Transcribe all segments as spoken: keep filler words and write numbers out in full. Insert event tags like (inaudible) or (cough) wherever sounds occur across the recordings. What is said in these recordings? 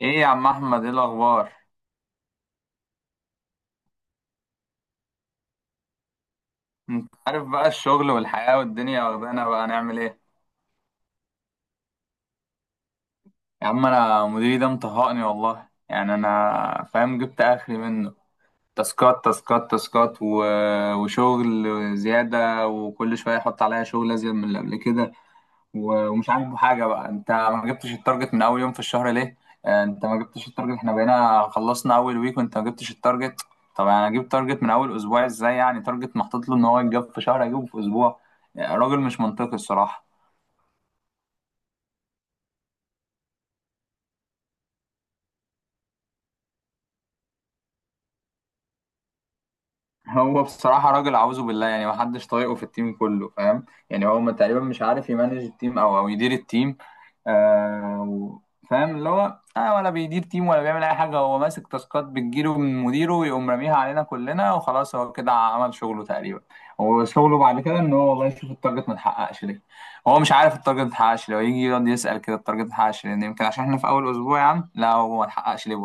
ايه يا عم احمد، ايه الاخبار؟ انت عارف بقى الشغل والحياه والدنيا واخدانا، بقى نعمل ايه. يا عم انا مديري ده مطهقني والله، يعني انا فاهم جبت اخري منه. تاسكات تاسكات تاسكات و... وشغل زياده، وكل شويه يحط عليا شغل ازيد من اللي قبل كده. و- ومش عاجبه حاجه، بقى انت ما جبتش التارجت من اول يوم في الشهر ليه؟ آه، انت ما جبتش التارجت، احنا بقينا خلصنا اول ويك وانت ما جبتش التارجت. طب انا اجيب تارجت من اول اسبوع ازاي؟ يعني تارجت محطوط له ان هو يتجاب في شهر اجيبه في اسبوع. آه، راجل مش منطقي الصراحه. هو بصراحة راجل أعوذ بالله، يعني محدش طايقه في التيم كله فاهم. يعني هو ما- تقريبا مش عارف يمانج التيم أو أو يدير التيم. آه و- فاهم، اللي هو آه ولا بيدير تيم ولا بيعمل أي حاجة. هو ماسك تاسكات بتجيله من مديره ويقوم راميها علينا كلنا وخلاص، هو كده عمل شغله تقريبا. هو شغله بعد كده إن هو والله يشوف التارجت ما اتحققش ليه. هو مش عارف التارجت ما اتحققش ليه، ويجي يقعد يسأل كده التارجت ما اتحققش ليه؟ يمكن عشان إحنا في أول أسبوع يا عم، لا هو ما اتحققش ليه.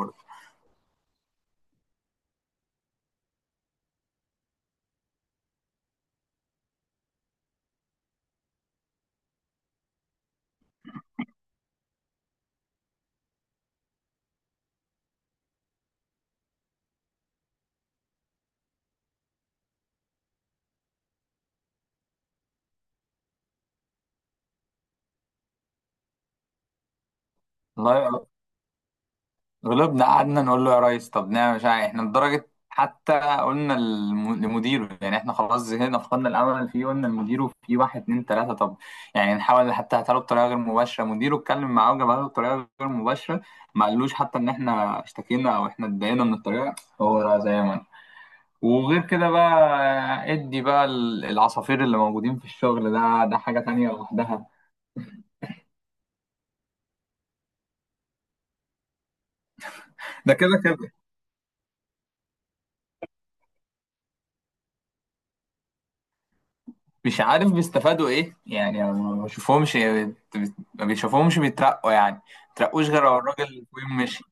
برضه غلبنا قعدنا نقول له يا ريس طب نعمل مش عارف إيه. احنا لدرجة حتى قلنا للم- لمديره، يعني احنا خلاص زهقنا فقدنا الامل فيه، قلنا لمديره في واحد اتنين تلاتة. طب يعني نحاول حتى هاتها له بطريقة غير مباشرة. مديره اتكلم معاه وجابها له بطريقة غير مباشرة، ما قالوش حتى ان احنا اشتكينا او احنا اتضايقنا من الطريقة. هو لا زي ما أنا. وغير كده بقى، ادي بقى ال- العصافير اللي موجودين في الشغل ده، ده حاجة تانية لوحدها. ده كده كده مش عارف بيستفادوا ايه، يعني أنا ما بشوفهمش، ما بيشوفهمش بيترقوا، يعني ما بيترقوش غير لو الراجل اللي فوقيهم مشي.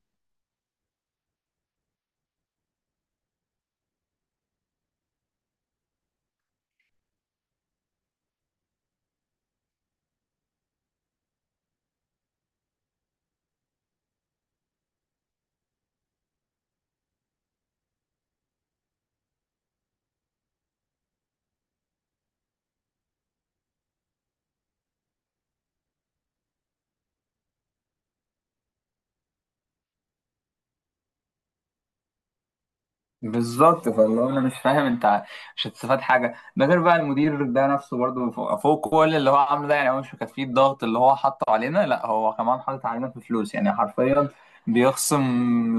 بالظبط، فاللي هو انا مش فاهم انت مش هتستفاد حاجه ده، غير بقى المدير ده نفسه برضه فوق فوق كل اللي هو عامله ده، يعني هو مش مكفيه الضغط اللي هو حاطه علينا، لا هو كمان حاطط علينا في فلوس يعني حرفيا. بيخصم.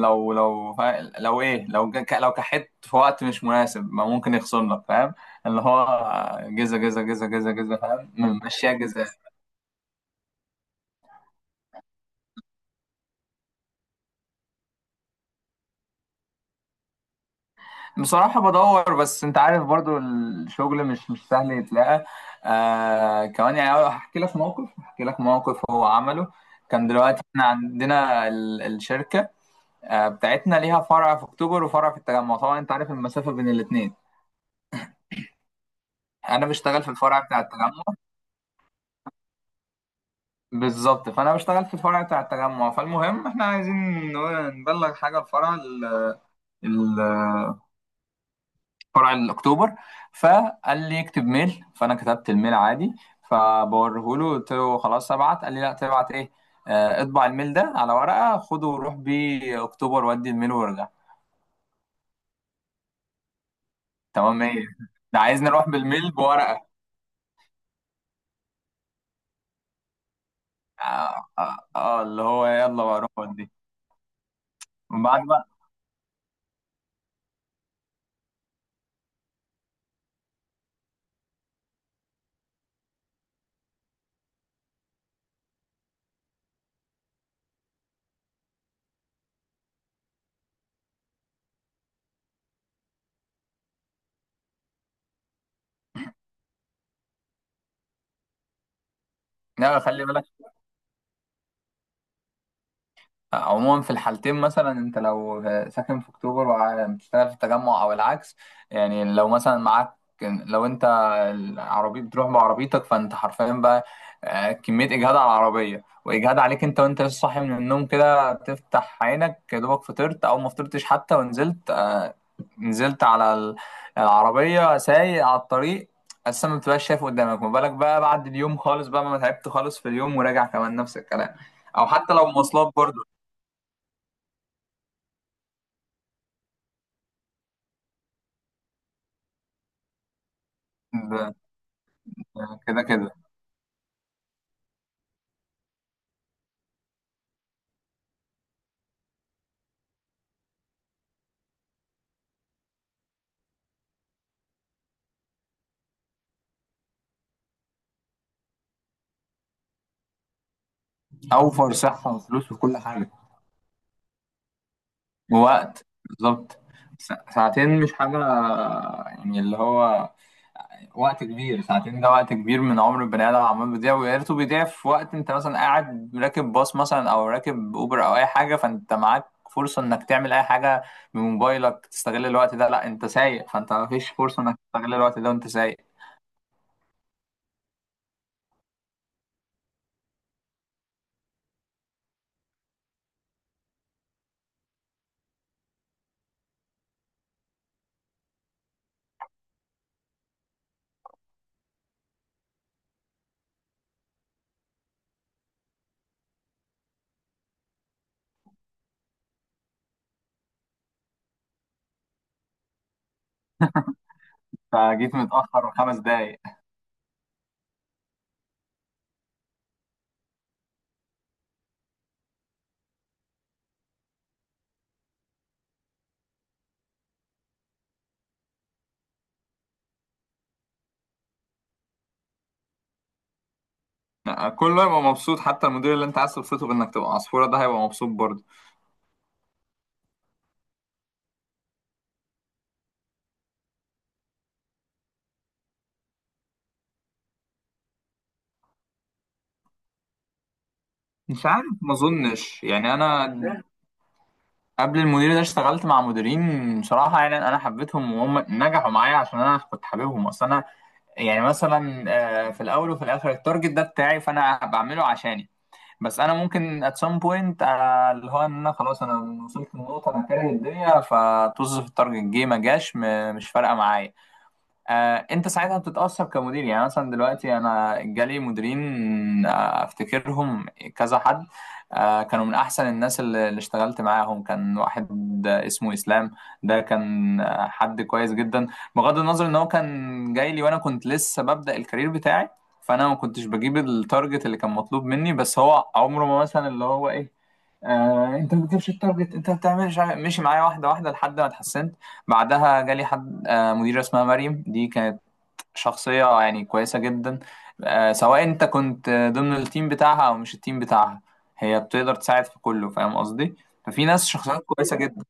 لو لو فا- لو ايه لو جا- لو كحت في وقت مش مناسب ما ممكن يخصم لك فاهم. اللي هو جزا جزا جزا جزا جزا فاهم. ماشيه جزا. بصراحة بدور، بس انت عارف برضو الشغل مش مش سهل يتلاقى. آه كمان، يعني هحكي لك موقف، هحكي لك موقف هو عمله. كان دلوقتي احنا عندنا ال- الشركة آه بتاعتنا ليها فرع في اكتوبر وفرع في التجمع، طبعا انت عارف المسافة بين الاتنين. انا بشتغل في الفرع بتاع التجمع. بالظبط، فانا بشتغل في الفرع بتاع التجمع. فالمهم احنا عايزين نبلغ حاجة الفرع، فرع الاكتوبر. فقال لي اكتب ميل، فانا كتبت الميل عادي. فبوريه له قلت له خلاص ابعت، قال لي لا تبعت ايه. آه، اطبع الميل ده على ورقه خده وروح بيه اكتوبر ودي الميل وارجع. تمام ايه؟ ده عايزني اروح بالميل بورقه. اه، آه، آه، اللي هو يلا بقى اروح ودي. من بعد بقى لا خلي بالك. عموما في الحالتين مثلا انت لو ساكن في اكتوبر وبتشتغل في التجمع او العكس، يعني لو مثلا معاك، لو انت العربية، بتروح بعربيتك، فانت حرفيا بقى آه، كمية اجهاد على العربية واجهاد عليك انت، وانت لسه صاحي من النوم كده تفتح عينك يا دوبك، فطرت او ما فطرتش حتى ونزلت آه، نزلت على ال- العربية سايق على الطريق، اساسا ما بتبقاش شايف قدامك، ما بالك بقى بعد اليوم خالص بقى ما تعبت خالص في اليوم وراجع كمان نفس الكلام. او حتى لو مواصلات برضه. ده ده كده كده اوفر صحه وفلوس وكل حاجه. ووقت بالظبط. سا- ساعتين مش حاجه، يعني اللي هو وقت كبير. ساعتين ده وقت كبير من عمر البني ادم عمال بيضيع، ويا ريته بيضيع في وقت انت مثلا قاعد راكب باص مثلا او راكب اوبر او اي حاجه، فانت معاك فرصه انك تعمل اي حاجه بموبايلك تستغل الوقت ده. لا انت سايق، فانت مفيش فرصه انك تستغل الوقت ده وانت سايق. فجيت متاخر خمس دقايق. (laughs) كله هيبقى مبسوط، حتى المدير اللي انت عايز تبسطه بانك تبقى عصفوره ده هيبقى مبسوط برضه. مش عارف ما اظنش، يعني انا قبل المدير ده اشتغلت مع مديرين بصراحه يعني انا حبيتهم، وهم نجحوا معايا عشان انا كنت حاببهم. اصل انا يعني مثلا آه، في الاول وفي الاخر التارجت ده بتاعي، فانا بعمله عشاني. بس انا ممكن at some point آه، اللي هو ان انا خلاص انا وصلت للنقطه انا كاره الدنيا، فطز في التارجت جه ما جاش م- مش فارقه معايا. آه، انت ساعتها بتتأثر كمدير. يعني مثلا دلوقتي انا جالي مديرين آه، افتكرهم كذا حد. آه، كانوا من احسن الناس اللي اللي اشتغلت معاهم. كان واحد آه، اسمه اسلام، ده كان آه، حد كويس جدا. بغض النظر ان هو كان جاي لي وانا كنت لسه ببدأ الكارير بتاعي، فانا ما كنتش بجيب التارجت اللي كان مطلوب مني، بس هو عمره ما مثلا اللي هو ايه آه، انت ما بتجيبش التارجت انت بتعملش. ماشي معايا واحده واحده لحد ما اتحسنت. بعدها جالي حد آه، مديره اسمها مريم، دي كانت شخصيه يعني كويسه جدا. آه، سواء انت كنت ضمن التيم بتاعها او مش التيم بتاعها، هي بتقدر تساعد في كله فاهم قصدي. ففي ناس شخصيات كويسه جدا.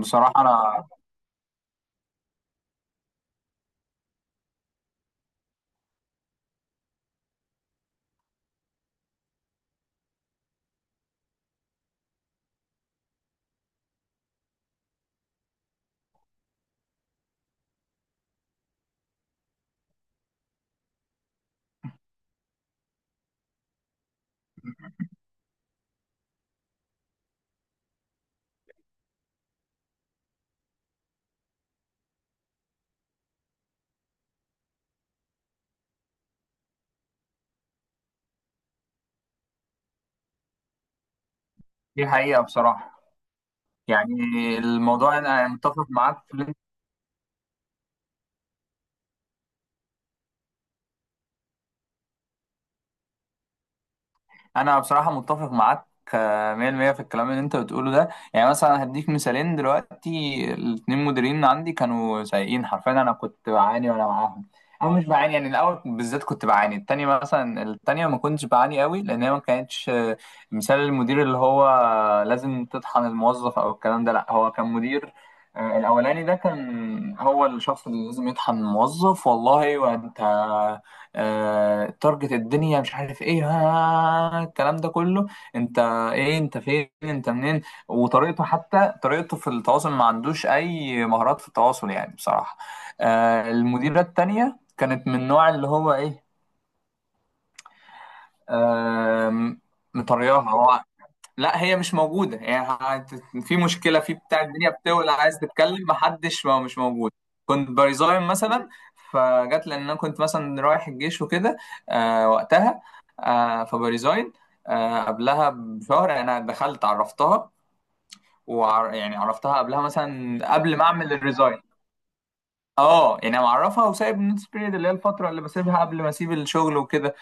بصراحه انا دي حقيقه بصراحه. يعني الموضوع انا متفق معاك في اللي انا بصراحه متفق معاك آه، مية بالمية في الكلام اللي انت بتقوله ده. يعني مثلا هديك مثالين دلوقتي الاتنين مديرين عندي كانوا سيئين حرفيا، انا كنت بعاني وانا معاهم. او مش بعاني، يعني الاول بالذات كنت بعاني، التانية مثلا التانية ما كنتش بعاني قوي لان هي ما كانتش آه، مثال المدير اللي هو لازم تطحن الموظف او الكلام ده. لا هو كان مدير آه، الاولاني ده كان هو الشخص اللي لازم يطحن الموظف والله. وانت آه، تارجت الدنيا مش عارف ايه ها الكلام ده كله. انت ايه؟ انت فين؟ انت منين؟ وطريقته، حتى طريقته في التواصل ما عندوش اي مهارات في التواصل يعني بصراحة. آه، المديرة التانية كانت من النوع اللي هو ايه آه، مطرياها هو، لا هي مش موجودة يعني هت- في مشكلة في بتاع الدنيا بتولع، عايز تتكلم محدش ما مش موجود. كنت بريزاين مثلا، فجت لأن أنا كنت مثلا رايح الجيش وكده آه وقتها، آه فبريزاين، آه قبلها بشهر أنا دخلت عرفتها، وعر يعني عرفتها قبلها مثلا قبل ما أعمل الريزاين. اه يعني معرفها وسايب النوتس بيريد، اللي هي الفترة اللي بسيبها قبل ما أسيب الشغل وكده.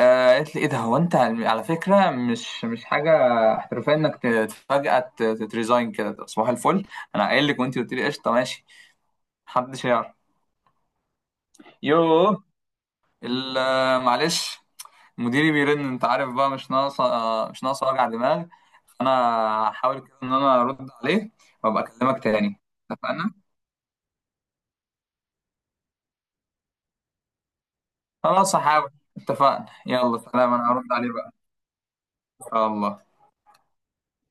آه، قالت لي ايه ده، هو انت على فكره مش مش حاجه احترافيه انك ت- فجاه ت- تتريزاين كده صباح الفل. انا قايل لك وانت قلت لي قشطه ماشي محدش يعرف. يوه ال- آه، معلش، مديري بيرن، انت عارف بقى مش ناقصه آه، مش ناقصه وجع دماغ. انا هحاول كده ان انا ارد عليه وابقى اكلمك تاني. اتفقنا. خلاص هحاول. اتفقنا يلا سلام، انا هرد عليه بقى. ان شاء الله.